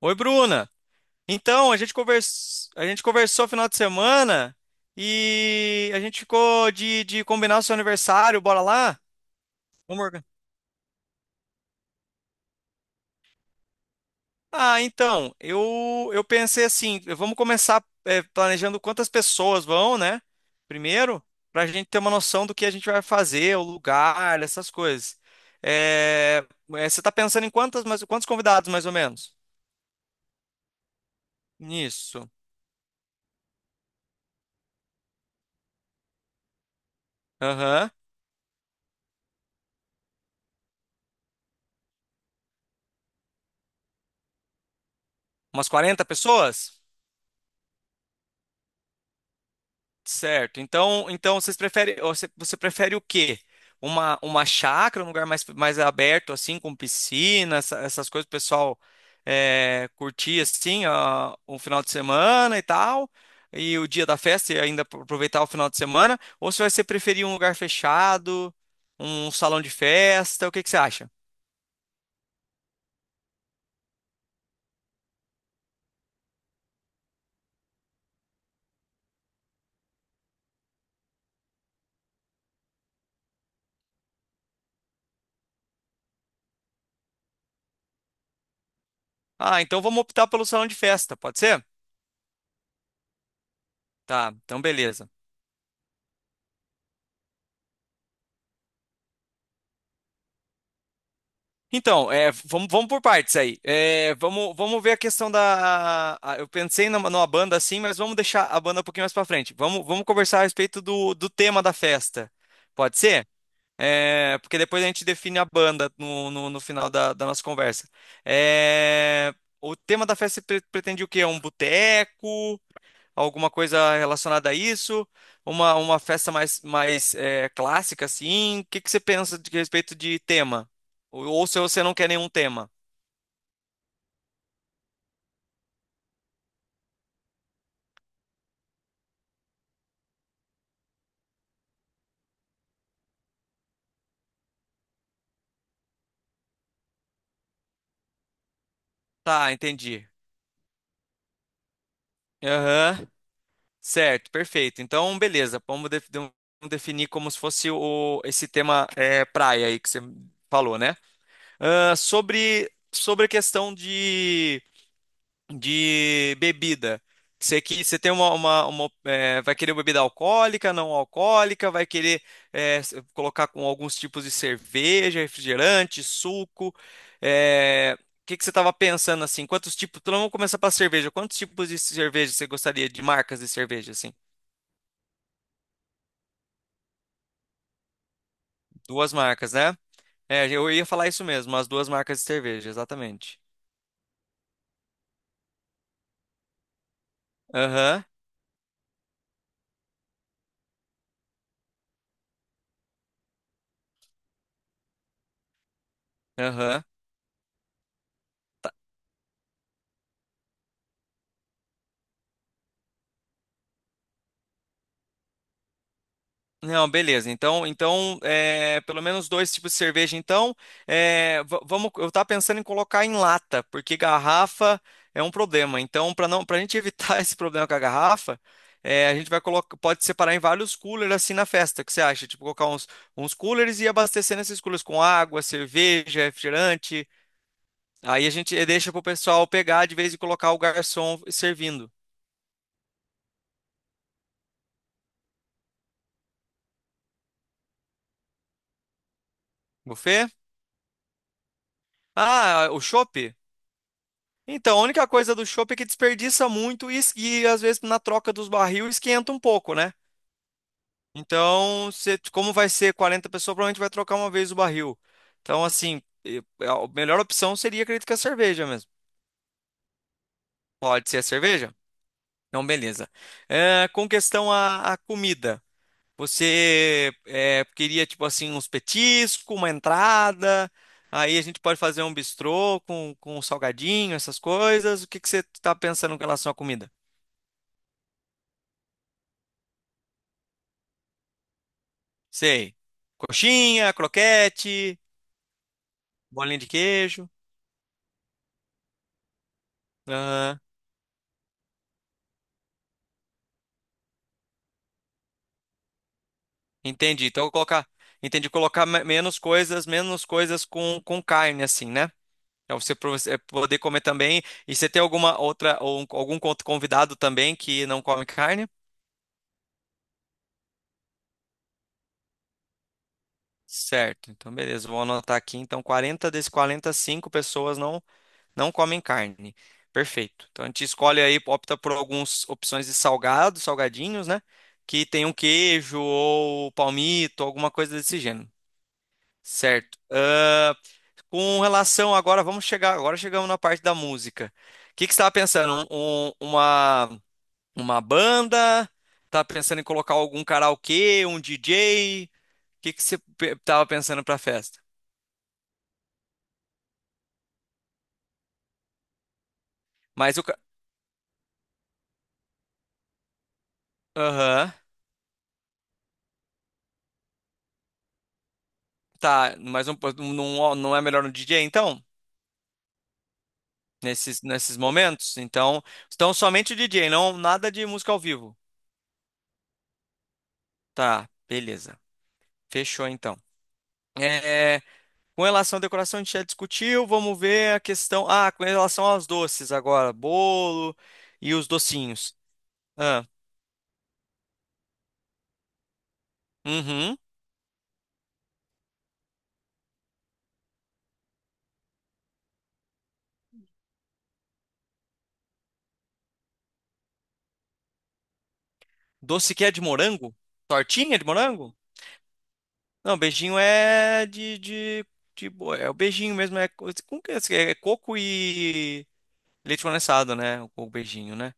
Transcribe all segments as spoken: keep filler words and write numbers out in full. Oi, Bruna. Então, a gente convers... a gente conversou final de semana e a gente ficou de, de combinar o seu aniversário, bora lá? Vamos organ- Ah, então, eu, eu pensei assim, vamos começar eh, planejando quantas pessoas vão, né? Primeiro, para a gente ter uma noção do que a gente vai fazer, o lugar, essas coisas. Eh, eh, você está pensando em quantas, mais- quantos convidados, mais ou menos? Nisso. Aham. Umas quarenta pessoas? Certo. Então, então vocês preferem, você, você prefere o quê? Uma, uma chácara, um lugar mais, mais aberto, assim, com piscina, essa- essas coisas, o pessoal é, curtir, assim, ó, um final de semana e tal, e o dia da festa e ainda apro- aproveitar o final de semana? Ou se você preferir um lugar fechado, um salão de festa, o que que você acha? Ah, então vamos optar pelo salão de festa, pode ser? Tá, então beleza. Então, é, vamos, vamos por partes aí. É, vamos, vamos ver a questão da. a- eu pensei numa, numa banda assim, mas vamos deixar a banda um pouquinho mais pra frente. Vamos, vamos conversar a respeito do, do tema da festa. Pode ser? É, porque depois a gente define a banda no, no, no final da, da nossa conversa. É, o tema da festa pre- pretende o quê? Um boteco? Alguma coisa relacionada a isso? Uma, uma festa mais, mais é, clássica, assim? O que que você pensa de respeito de tema? Ou, ou se você não quer nenhum tema? Tá, entendi. Aham. Certo, perfeito. Então, beleza. Vamos def- vamos definir como se fosse o, esse tema é, praia aí que você falou, né? Ah, sobre, sobre a questão de. De bebida. Você, que, você tem uma, uma, uma, é, vai querer bebida alcoólica, não alcoólica, vai querer é, s- colocar com alguns tipos de cerveja, refrigerante, suco. É, o que, que você estava pensando assim? Quantos tipos? Então vamos começar pela cerveja. Quantos tipos de cerveja você gostaria de marcas de cerveja assim? Duas marcas, né? É, eu ia falar isso mesmo, as duas marcas de cerveja, exatamente. Aham, aham. Não, beleza. Então, então é, pelo menos dois tipos de cerveja. Então, é, va- vamos. Eu estava pensando em colocar em lata, porque garrafa é um problema. Então, para não, para a gente evitar esse problema com a garrafa, é, a gente vai colocar, pode separar em vários coolers assim na festa. O que você acha? Tipo, colocar uns, uns coolers e abastecer nesses coolers com água, cerveja, refrigerante. Aí a gente eh, deixa para o pessoal pegar de vez e colocar o garçom servindo. Buffet? Ah, o chopp? Então, a única coisa do chopp é que desperdiça muito e, es- e, às vezes na troca dos barril esquenta um pouco, né? Então, se- como vai ser quarenta pessoas, provavelmente vai trocar uma vez o barril. Então, assim, e- é, a melhor opção seria, acredito que a cerveja mesmo. Pode ser a cerveja? Então, beleza. É, com questão à, à comida, você é, queria, tipo assim, uns petiscos, uma entrada, aí a gente pode fazer um bistrô com, com um salgadinho, essas coisas. O que que você está pensando em relação à comida? Sei. Coxinha, croquete, bolinha de queijo. Aham. Entendi. Então, eu vou colocar. Entendi. Colocar me- menos coisas, menos coisas com, com carne, assim, né? Pra você, pra você poder comer também. E você tem alguma outra, ou um- algum con- convidado também que não come carne? Certo. Então, beleza. Vou anotar aqui. Então, quarenta desses cinco pessoas não. Não comem carne. Perfeito. Então a gente escolhe aí, opta por algumas opções de salgado, salgadinhos, né? Que tem um queijo ou palmito, alguma coisa desse gênero. Certo. Ah, com relação agora, vamos chegar. Agora chegamos na parte da música. O que que você estava pensando? Um- um- uma, uma banda? Tá pensando em colocar algum karaokê, um D J? O que que você estava pensando para a festa? Mas o. ca- Aham. Tá, mas não, não, não é melhor no D J então? nesses, nesses momentos. Então, então somente o D J, não nada de música ao vivo. Tá, beleza. Fechou então. É, com relação à decoração, a gente já discutiu. Vamos ver a questão. Ah, com relação aos doces agora, bolo e os docinhos. Ah, uhum. Doce que é de morango? Tortinha de morango? Não, beijinho é de, de, de bo- é o beijinho mesmo é, co- com que- é esse? É coco e leite condensado, né? O beijinho, né?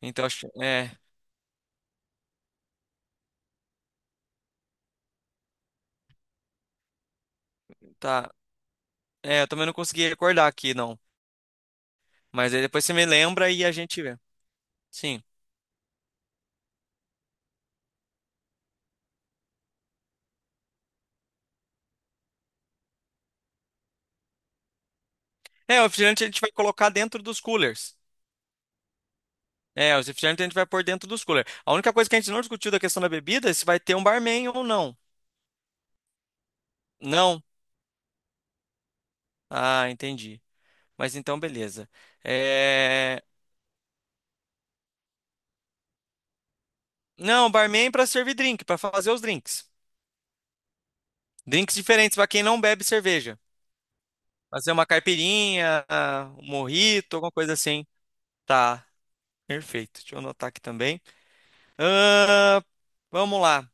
Então acho que- é, tá. É, eu também não consegui recordar aqui, não. Mas aí depois você me lembra e a gente vê. Sim. É, o refrigerante a gente vai colocar dentro dos coolers. É, os refrigerantes a gente vai pôr dentro dos coolers. A única coisa que a gente não discutiu da questão da bebida é se vai ter um barman ou não. Não? Ah, entendi. Mas então, beleza. É... Não, barman para servir drink, para fazer os drinks. Drinks diferentes para quem não bebe cerveja. Fazer uma caipirinha, um mojito, alguma coisa assim. Tá, perfeito. Deixa eu anotar aqui também. Ahn, Vamos lá.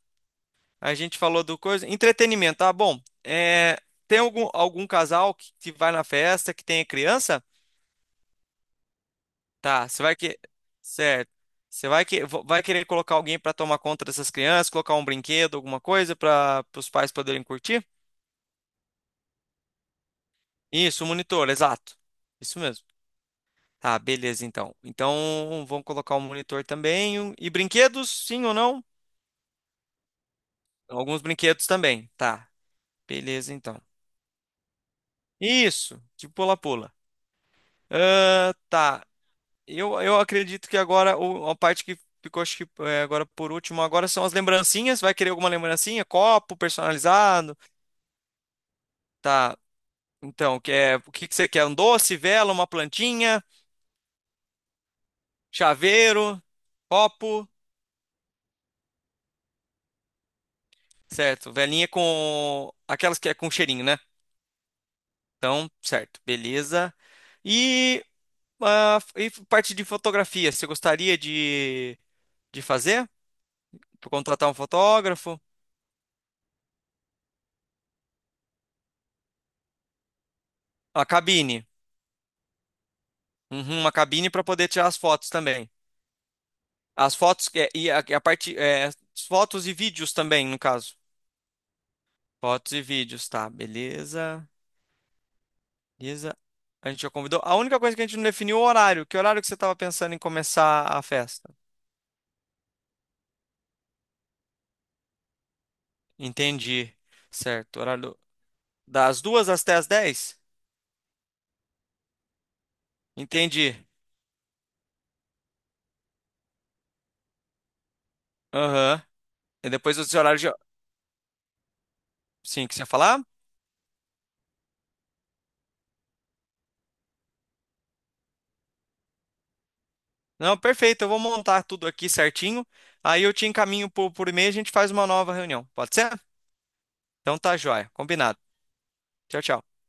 A gente falou do coisa. Entretenimento, tá bom. É, tem algum, algum casal que, que vai na festa, que tenha criança? Tá, você vai que. Certo. Você vai, que, vo- vai querer colocar alguém para tomar conta dessas crianças, colocar um brinquedo, alguma coisa para os pais poderem curtir? Isso, um monitor, exato. Isso mesmo. Tá, beleza, então. Então, vamos colocar um monitor também. um- E brinquedos, sim ou não? Alguns brinquedos também. Tá, beleza, então. Isso, tipo pula-pula. Ah, tá. Eu, eu acredito que agora o- a parte que ficou, acho que é, agora por último, agora são as lembrancinhas. Vai querer alguma lembrancinha? Copo personalizado? Tá. Então, quer, o que que você quer? Um doce, vela, uma plantinha, chaveiro, copo. Certo. Velinha com aquelas que é com cheirinho, né? Então, certo. Beleza. E, ah, e parte de fotografia, você gostaria de, de fazer? Contratar um fotógrafo? A cabine. Uhum, uma cabine para poder tirar as fotos também. As fotos que- é, e a, a parte é, fotos e vídeos também, no caso. Fotos e vídeos, tá, beleza. Beleza. A gente já convidou. A única coisa que a gente não definiu é o horário. Que horário que você estava pensando em começar a festa? Entendi. Certo. Horário das duas às até às dez? Entendi. Aham. E depois os horários já. Sim, que você ia falar? Não, perfeito. Eu vou montar tudo aqui certinho. Aí eu te encaminho por, por e-mail e a gente faz uma nova reunião. Pode ser? Então tá joia. Combinado. Tchau, tchau.